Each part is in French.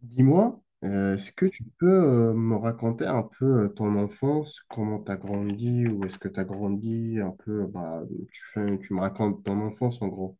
Dis-moi, est-ce que tu peux me raconter un peu ton enfance, comment tu as grandi, ou est-ce que tu as grandi un peu, bah, tu fais, tu me racontes ton enfance en gros.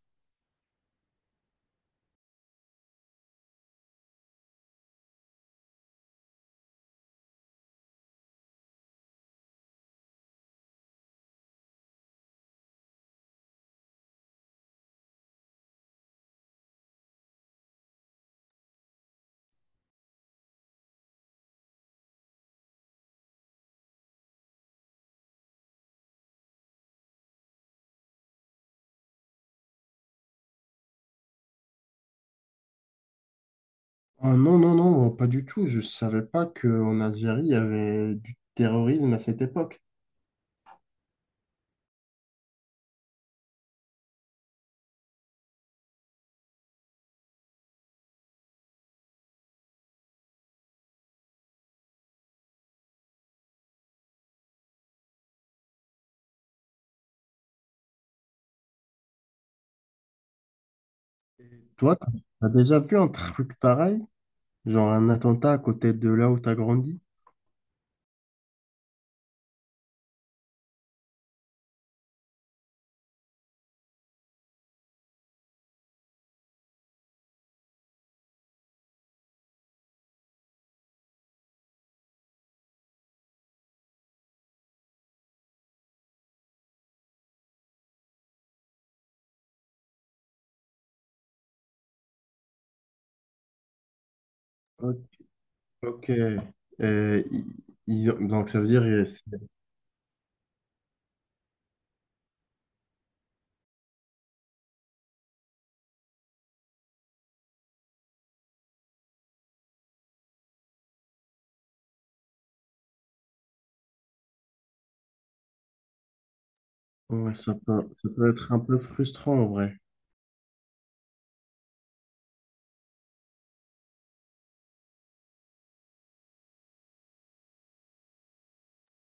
Ah, non, non, non, pas du tout. Je savais pas qu'en Algérie, il y avait du terrorisme à cette époque. Toi, tu as déjà vu un truc pareil, genre un attentat à côté de là où tu as grandi? O- Ok. Euh, ils- donc ça veut dire. Ouais, ça peut être un peu frustrant en vrai.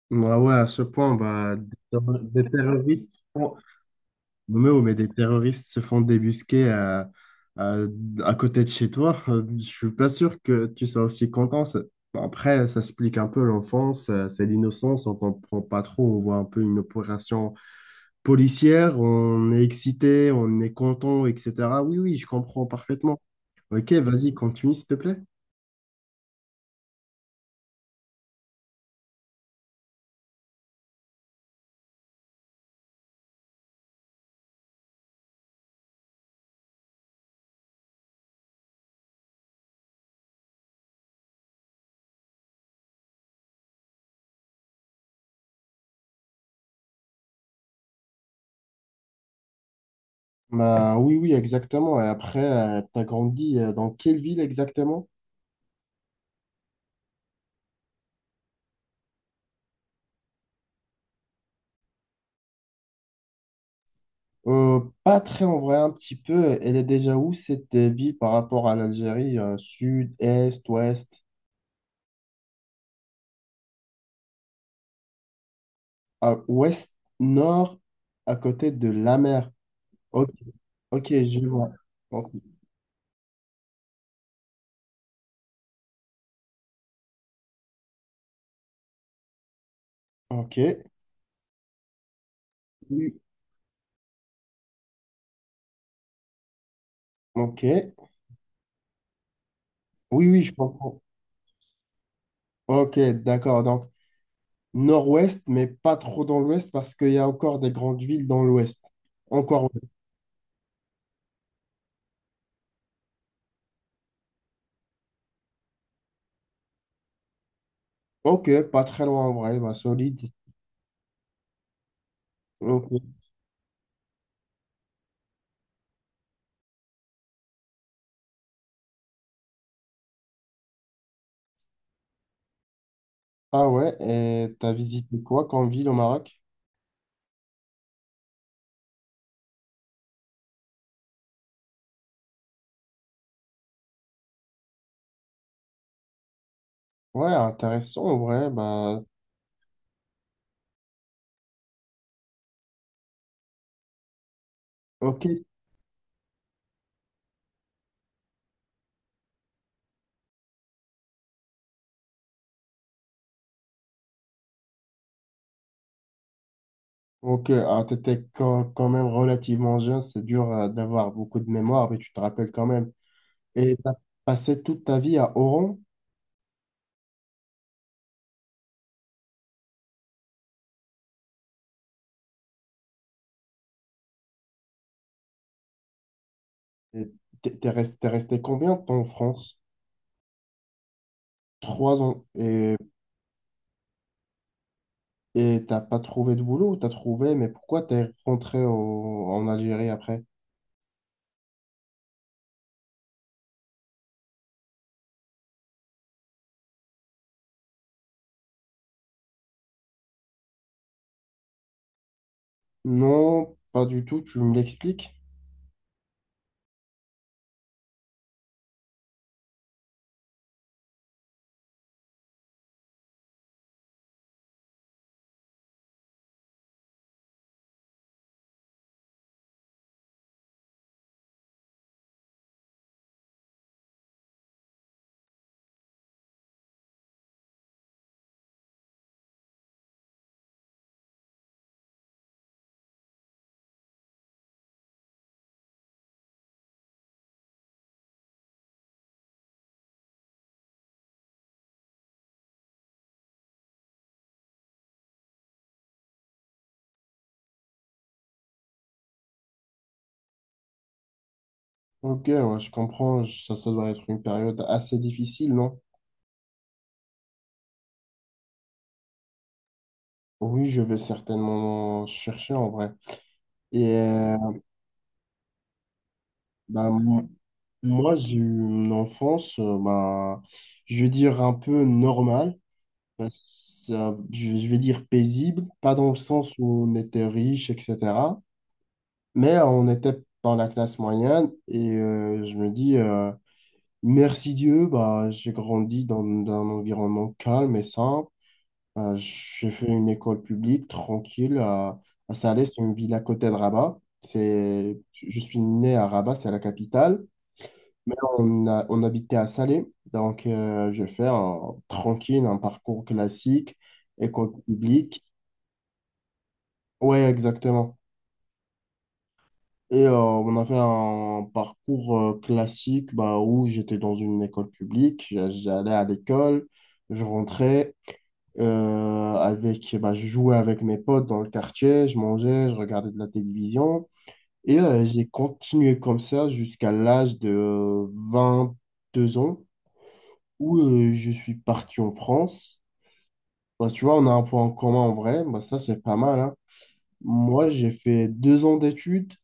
Moi, ouais, à ce point, bah, des terroristes se font. Mais, des terroristes se font débusquer à, à côté de chez toi. Je suis pas sûr que tu sois aussi content. Bon, après, ça explique un peu l'enfance, c'est l'innocence, on comprend pas trop. On voit un peu une opération policière, on est excité, on est content, etc. Oui, oui, je comprends parfaitement. Ok, vas-y, continue, s'il te plaît. Bah, oui, oui, exactement. Et après, tu as grandi dans quelle ville exactement? Pas très en vrai, un petit peu. Elle est déjà où cette ville par rapport à l'Algérie? Sud, est, ouest, à, ouest, nord, à côté de la mer. Ok, ok, je vois. Ok, ok, oui, ok. Oui, oui, je comprends. Ok, d'accord. Donc, nord-ouest, mais pas trop dans l'ouest parce qu'il y a encore des grandes villes dans l'ouest. Encore ouest. Ok, pas très loin en vrai, bah, solide. Ok. Ah ouais, et t'as visité quoi comme ville au Maroc? Ouais, intéressant, en vrai. Bah, ok. Donc, alors, t'étais quand, quand même relativement jeune, c'est dur d'avoir beaucoup de mémoire, mais tu te rappelles quand même. Et t'as passé toute ta vie à Oran. Et t'es resté, t'es resté combien de temps en France? 3 ans. Et t'as pas trouvé de boulot, ou t'as trouvé, mais pourquoi t'es rentré en Algérie après? Non, pas du tout, tu me l'expliques? Ok, ouais, je comprends, ça doit être une période assez difficile, non? Oui, je vais certainement chercher en vrai. Et bah, moi, j'ai eu une enfance, bah, je vais dire un peu normale, je vais dire paisible, pas dans le sens où on était riche, etc. Mais on était dans la classe moyenne et je me dis, merci Dieu, bah, j'ai grandi dans un environnement calme et simple. J'ai fait une école publique tranquille à Salé, c'est une ville à côté de Rabat. C'est, je suis né à Rabat, c'est la capitale. Mais on habitait à Salé, donc je fais tranquille un parcours classique, école publique. Ouais, exactement. Et on a fait un parcours classique, bah, où j'étais dans une école publique, j'allais à l'école, je rentrais, avec, bah, je jouais avec mes potes dans le quartier, je mangeais, je regardais de la télévision. Et j'ai continué comme ça jusqu'à l'âge de 22 ans, où je suis parti en France. Bah, tu vois, on a un point en commun en vrai. Bah, ça, c'est pas mal, hein. Moi, j'ai fait 2 ans d'études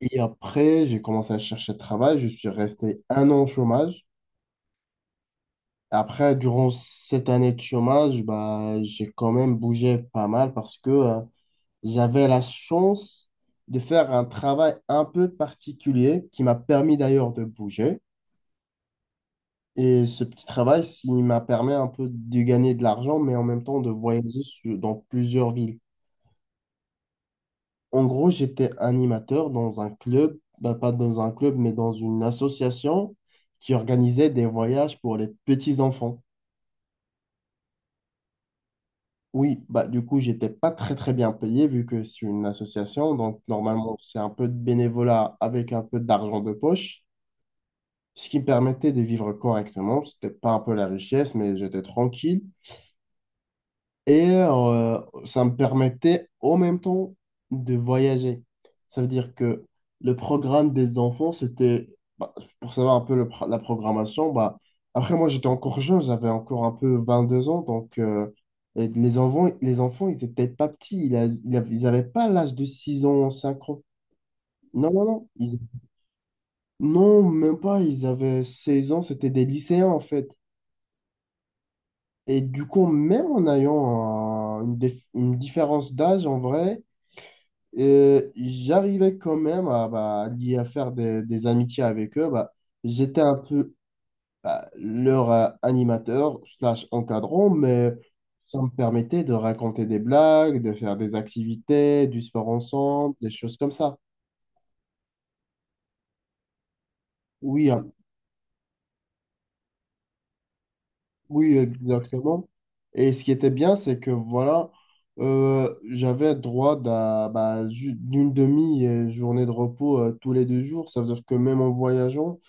et après, j'ai commencé à chercher de travail. Je suis resté 1 an au chômage. Après, durant cette année de chômage, bah, j'ai quand même bougé pas mal parce que j'avais la chance de faire un travail un peu particulier qui m'a permis d'ailleurs de bouger. Et ce petit travail, il m'a permis un peu de gagner de l'argent, mais en même temps de voyager dans plusieurs villes. En gros, j'étais animateur dans un club, bah, pas dans un club, mais dans une association qui organisait des voyages pour les petits-enfants. Oui, bah, du coup, j'étais pas très très bien payé vu que c'est une association, donc normalement, c'est un peu de bénévolat avec un peu d'argent de poche, ce qui me permettait de vivre correctement. C'était pas un peu la richesse, mais j'étais tranquille. Et ça me permettait en même temps de voyager. Ça veut dire que le programme des enfants, c'était, bah, pour savoir un peu la programmation, bah, après moi j'étais encore jeune, j'avais encore un peu 22 ans, donc et les enfants, ils étaient pas petits, ils a- ils avaient ils n'avaient pas l'âge de 6 ans, 5 ans. Non, non, non. Non, même pas, ils avaient 16 ans, c'était des lycéens en fait. Et du coup, même en ayant une différence d'âge en vrai, et j'arrivais quand même bah, à faire des amitiés avec eux. Bah, j'étais un peu bah, leur animateur slash encadrant, mais ça me permettait de raconter des blagues, de faire des activités, du sport ensemble, des choses comme ça. Oui, un oui, exactement. Et ce qui était bien, c'est que voilà, j'avais droit bah, d'une demi-journée de repos tous les 2 jours. Ça veut dire que même en voyageant,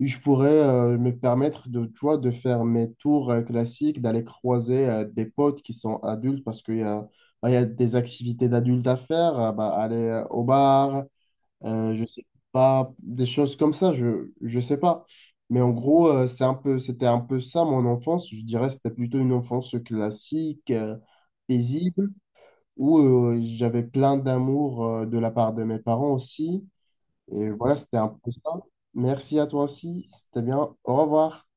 je pourrais me permettre de, tu vois, de faire mes tours classiques, d'aller croiser des potes qui sont adultes parce qu'il y a des activités d'adultes à faire, bah, aller au bar, je sais pas, des choses comme ça, je sais pas. Mais en gros, c'est un peu, c'était un peu ça mon enfance. Je dirais c'était plutôt une enfance classique, paisible, où j'avais plein d'amour de la part de mes parents aussi. Et voilà, c'était un peu ça. Merci à toi aussi, c'était bien. Au revoir.